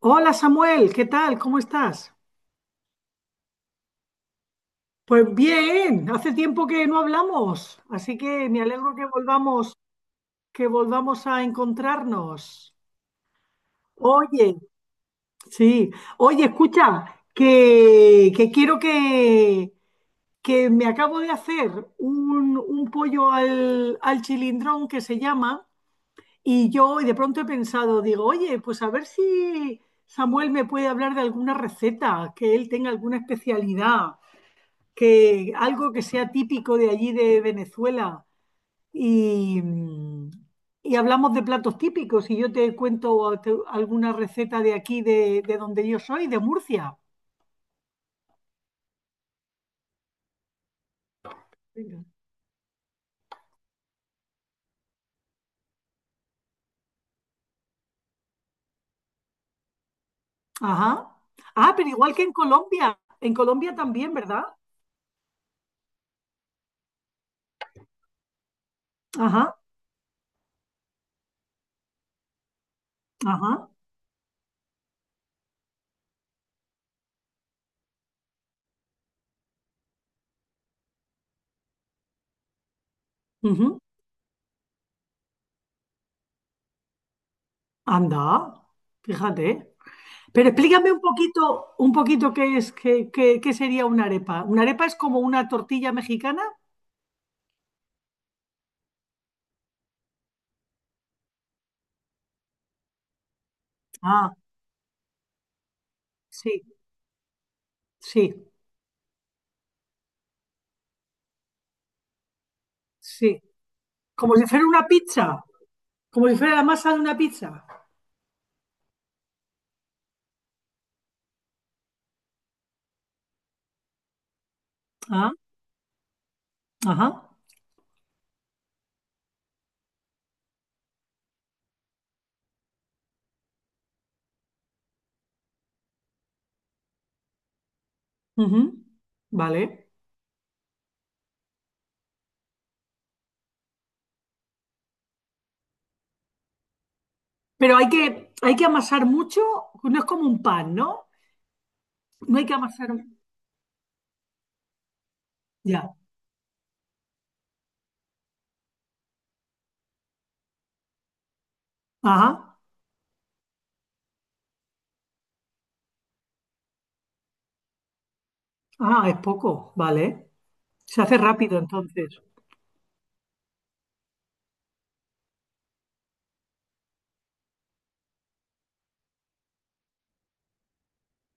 Hola Samuel, ¿qué tal? ¿Cómo estás? Pues bien, hace tiempo que no hablamos, así que me alegro que volvamos a encontrarnos. Oye, sí, oye, escucha, que quiero que me acabo de hacer un pollo al chilindrón que se llama, y yo y de pronto he pensado, digo, oye, pues a ver si Samuel me puede hablar de alguna receta, que él tenga alguna especialidad, que algo que sea típico de allí de Venezuela. y, y hablamos de platos típicos y yo te cuento alguna receta de aquí, de donde yo soy, de Murcia. Venga. Ajá. Ah, pero igual que en Colombia también, ¿verdad? Ajá, ajá. Ujú. Anda, fíjate. Pero explícame un poquito qué es, qué, qué sería una arepa. ¿Una arepa es como una tortilla mexicana? Ah, sí, sí, sí. Como si fuera una pizza, como si fuera la masa de una pizza. Ah, ajá. Ujú. Vale. Pero hay que amasar mucho, no es como un pan, ¿no? No hay que amasar. Ya. Ajá. Ah, es poco, vale. Se hace rápido entonces.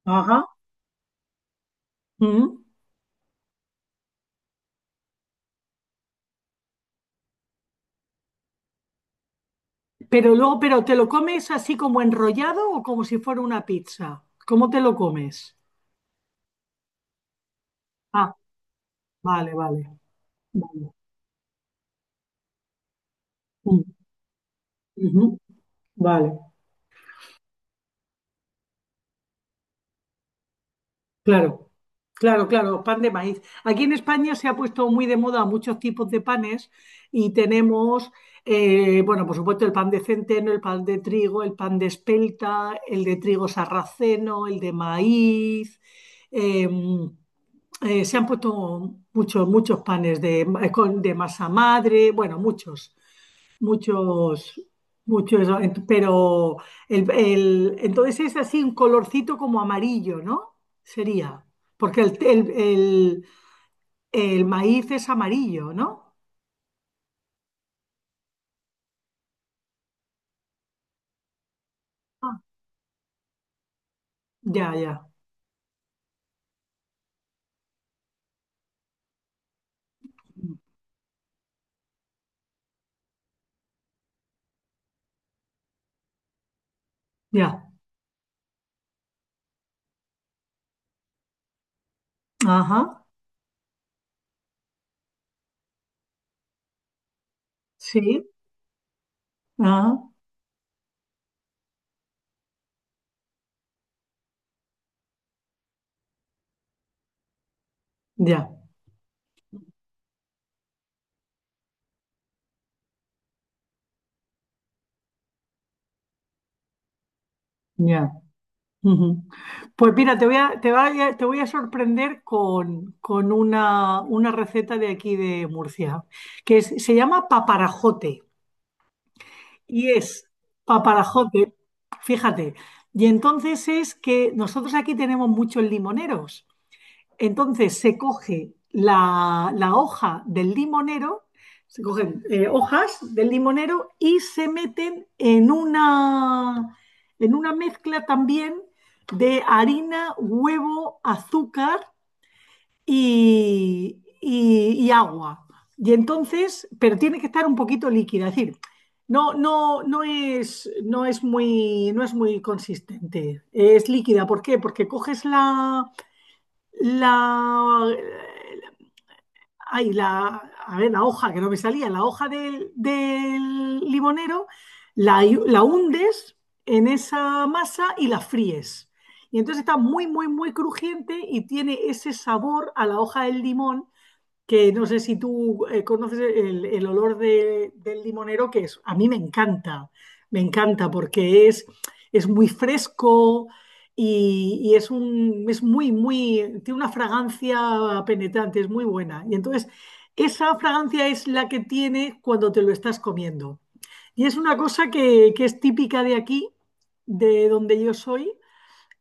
Ajá. Ujú. Pero luego, pero ¿te lo comes así como enrollado o como si fuera una pizza? ¿Cómo te lo comes? Ah, vale, vale. Vale. Mm, ujú. Vale, claro. Claro, claro, pan de maíz. Aquí en España se ha puesto muy de moda muchos tipos de panes y tenemos, bueno, por supuesto el pan de centeno, el pan de trigo, el pan de espelta, el de trigo sarraceno, el de maíz. eh, Se han puesto muchos, muchos panes de, de masa madre, bueno, muchos. Muchos, muchos, pero el, entonces es así un colorcito como amarillo, ¿no? Sería, porque el, el maíz es amarillo, ¿no? Ah, ya, ya, ya, ajá, sí, ajá, ya, ya. Ujú. Pues mira, te voy a, te voy a, te voy a sorprender con una receta de aquí de Murcia, se llama paparajote. Y es paparajote, fíjate. Y entonces es que nosotros aquí tenemos muchos limoneros. Entonces se coge la, la hoja del limonero, se cogen hojas del limonero y se meten en una mezcla también de harina, huevo, azúcar y agua. Y entonces, pero tiene que estar un poquito líquida, es decir, no, no, no es, no es muy, no es muy consistente, es líquida. ¿Por qué? Porque coges la, la, ay, la, a ver, la hoja que no me salía, la hoja del, del limonero, la hundes en esa masa y la fríes. Y entonces está muy, muy, muy crujiente y tiene ese sabor a la hoja del limón, que no sé si tú conoces el olor del limonero, que es, a mí me encanta porque es muy fresco y es un, es muy, muy, tiene una fragancia penetrante, es muy buena. Y entonces, esa fragancia es la que tiene cuando te lo estás comiendo. Y es una cosa que es típica de aquí, de donde yo soy,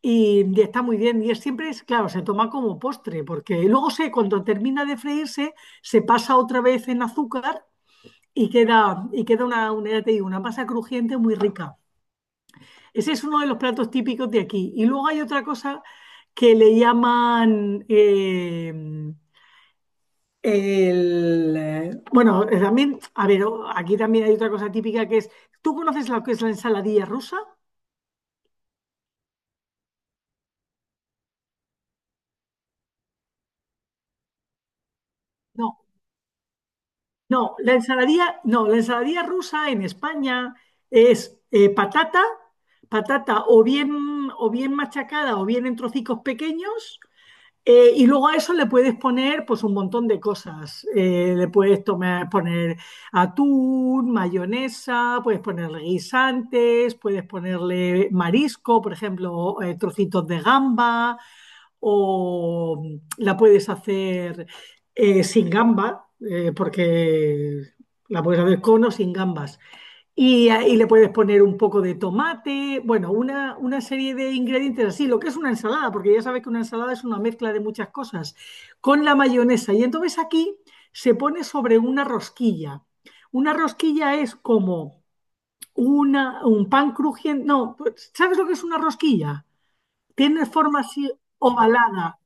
y está muy bien. Y es, siempre es, claro, se toma como postre, porque luego se, cuando termina de freírse, se pasa otra vez en azúcar y queda una, ya te digo, una masa crujiente muy rica. Ese es uno de los platos típicos de aquí. Y luego hay otra cosa que le llaman bueno, también, a ver, aquí también hay otra cosa típica que es, ¿tú conoces lo que es la ensaladilla rusa? No. No, la ensaladilla, no, la ensaladilla rusa en España es patata, patata o bien machacada o bien en trocicos pequeños. Y luego a eso le puedes poner pues un montón de cosas. Le puedes tomar, poner atún, mayonesa, puedes ponerle guisantes, puedes ponerle marisco, por ejemplo, trocitos de gamba, o la puedes hacer sin gamba, porque la puedes hacer con o sin gambas. Y, ahí le puedes poner un poco de tomate, bueno, una serie de ingredientes así, lo que es una ensalada, porque ya sabes que una ensalada es una mezcla de muchas cosas, con la mayonesa. Y entonces aquí se pone sobre una rosquilla. Una rosquilla es como una, un pan crujiente, no, ¿sabes lo que es una rosquilla? Tiene forma así ovalada.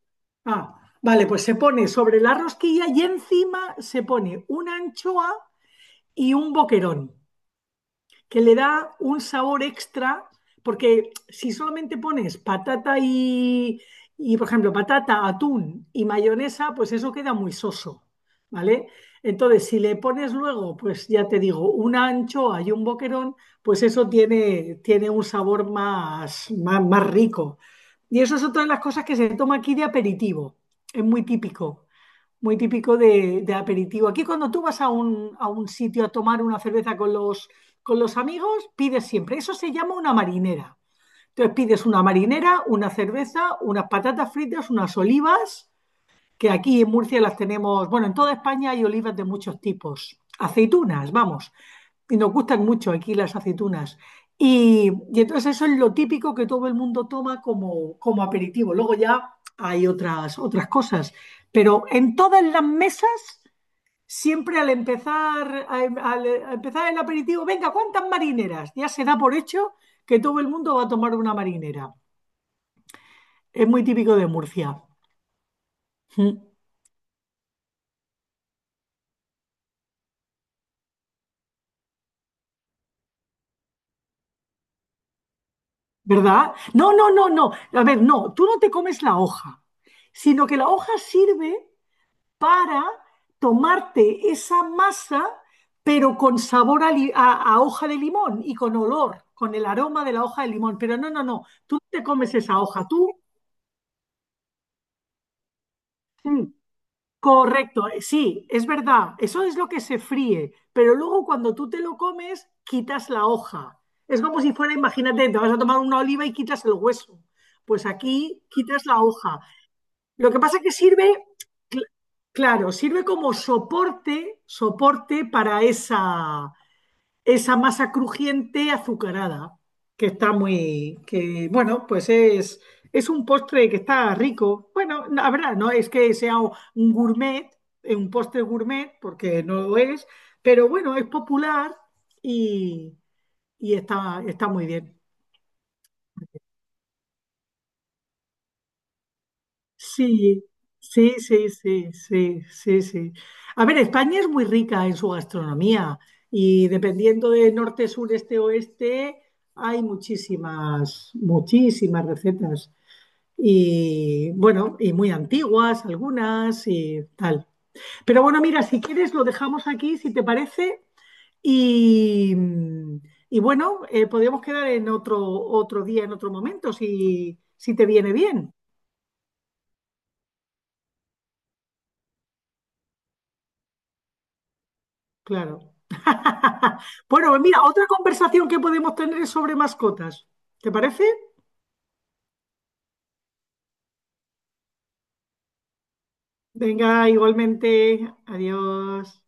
Ah, vale, pues se pone sobre la rosquilla y encima se pone una anchoa y un boquerón que le da un sabor extra, porque si solamente pones patata y, por ejemplo, patata, atún y mayonesa, pues eso queda muy soso, ¿vale? Entonces, si le pones luego, pues ya te digo, una anchoa y un boquerón, pues eso tiene, tiene un sabor más, más, más rico. Y eso es otra de las cosas que se toma aquí de aperitivo, es muy típico, muy típico de aperitivo. Aquí cuando tú vas a un sitio a tomar una cerveza con los amigos, pides siempre, eso se llama una marinera. Entonces pides una marinera, una cerveza, unas patatas fritas, unas olivas, que aquí en Murcia las tenemos, bueno, en toda España hay olivas de muchos tipos. Aceitunas, vamos, y nos gustan mucho aquí las aceitunas. Y entonces eso es lo típico que todo el mundo toma como, como aperitivo. Luego ya hay otras, otras cosas, pero en todas las mesas, siempre al empezar, al, al empezar el aperitivo, venga, ¿cuántas marineras? Ya se da por hecho que todo el mundo va a tomar una marinera. Es muy típico de Murcia. Mm. ¿Verdad? No, no, no, no. A ver, no, tú no te comes la hoja, sino que la hoja sirve para tomarte esa masa, pero con sabor a, a hoja de limón y con olor, con el aroma de la hoja de limón. Pero no, no, no, tú no te comes esa hoja, tú. Sí. Correcto, sí, es verdad, eso es lo que se fríe, pero luego cuando tú te lo comes, quitas la hoja. Es como si fuera, imagínate, te vas a tomar una oliva y quitas el hueso. Pues aquí quitas la hoja. Lo que pasa es que sirve, cl- claro, sirve como soporte, soporte para esa, esa masa crujiente azucarada, que está muy, que bueno, pues es un postre que está rico. Bueno, la verdad, no es que sea un gourmet, un postre gourmet, porque no lo es, pero bueno, es popular y, y está, está muy bien. Sí, sí, sí, sí, sí, sí, sí. A ver, España es muy rica en su gastronomía y dependiendo de norte, sur, este, oeste, hay muchísimas, muchísimas recetas. Y bueno, y muy antiguas algunas y tal. Pero bueno, mira, si quieres lo dejamos aquí, si te parece, y, y bueno, podríamos quedar en otro, otro día, en otro momento, si, si te viene bien. Claro. Bueno, pues mira, otra conversación que podemos tener es sobre mascotas. ¿Te parece? Venga, igualmente. Adiós.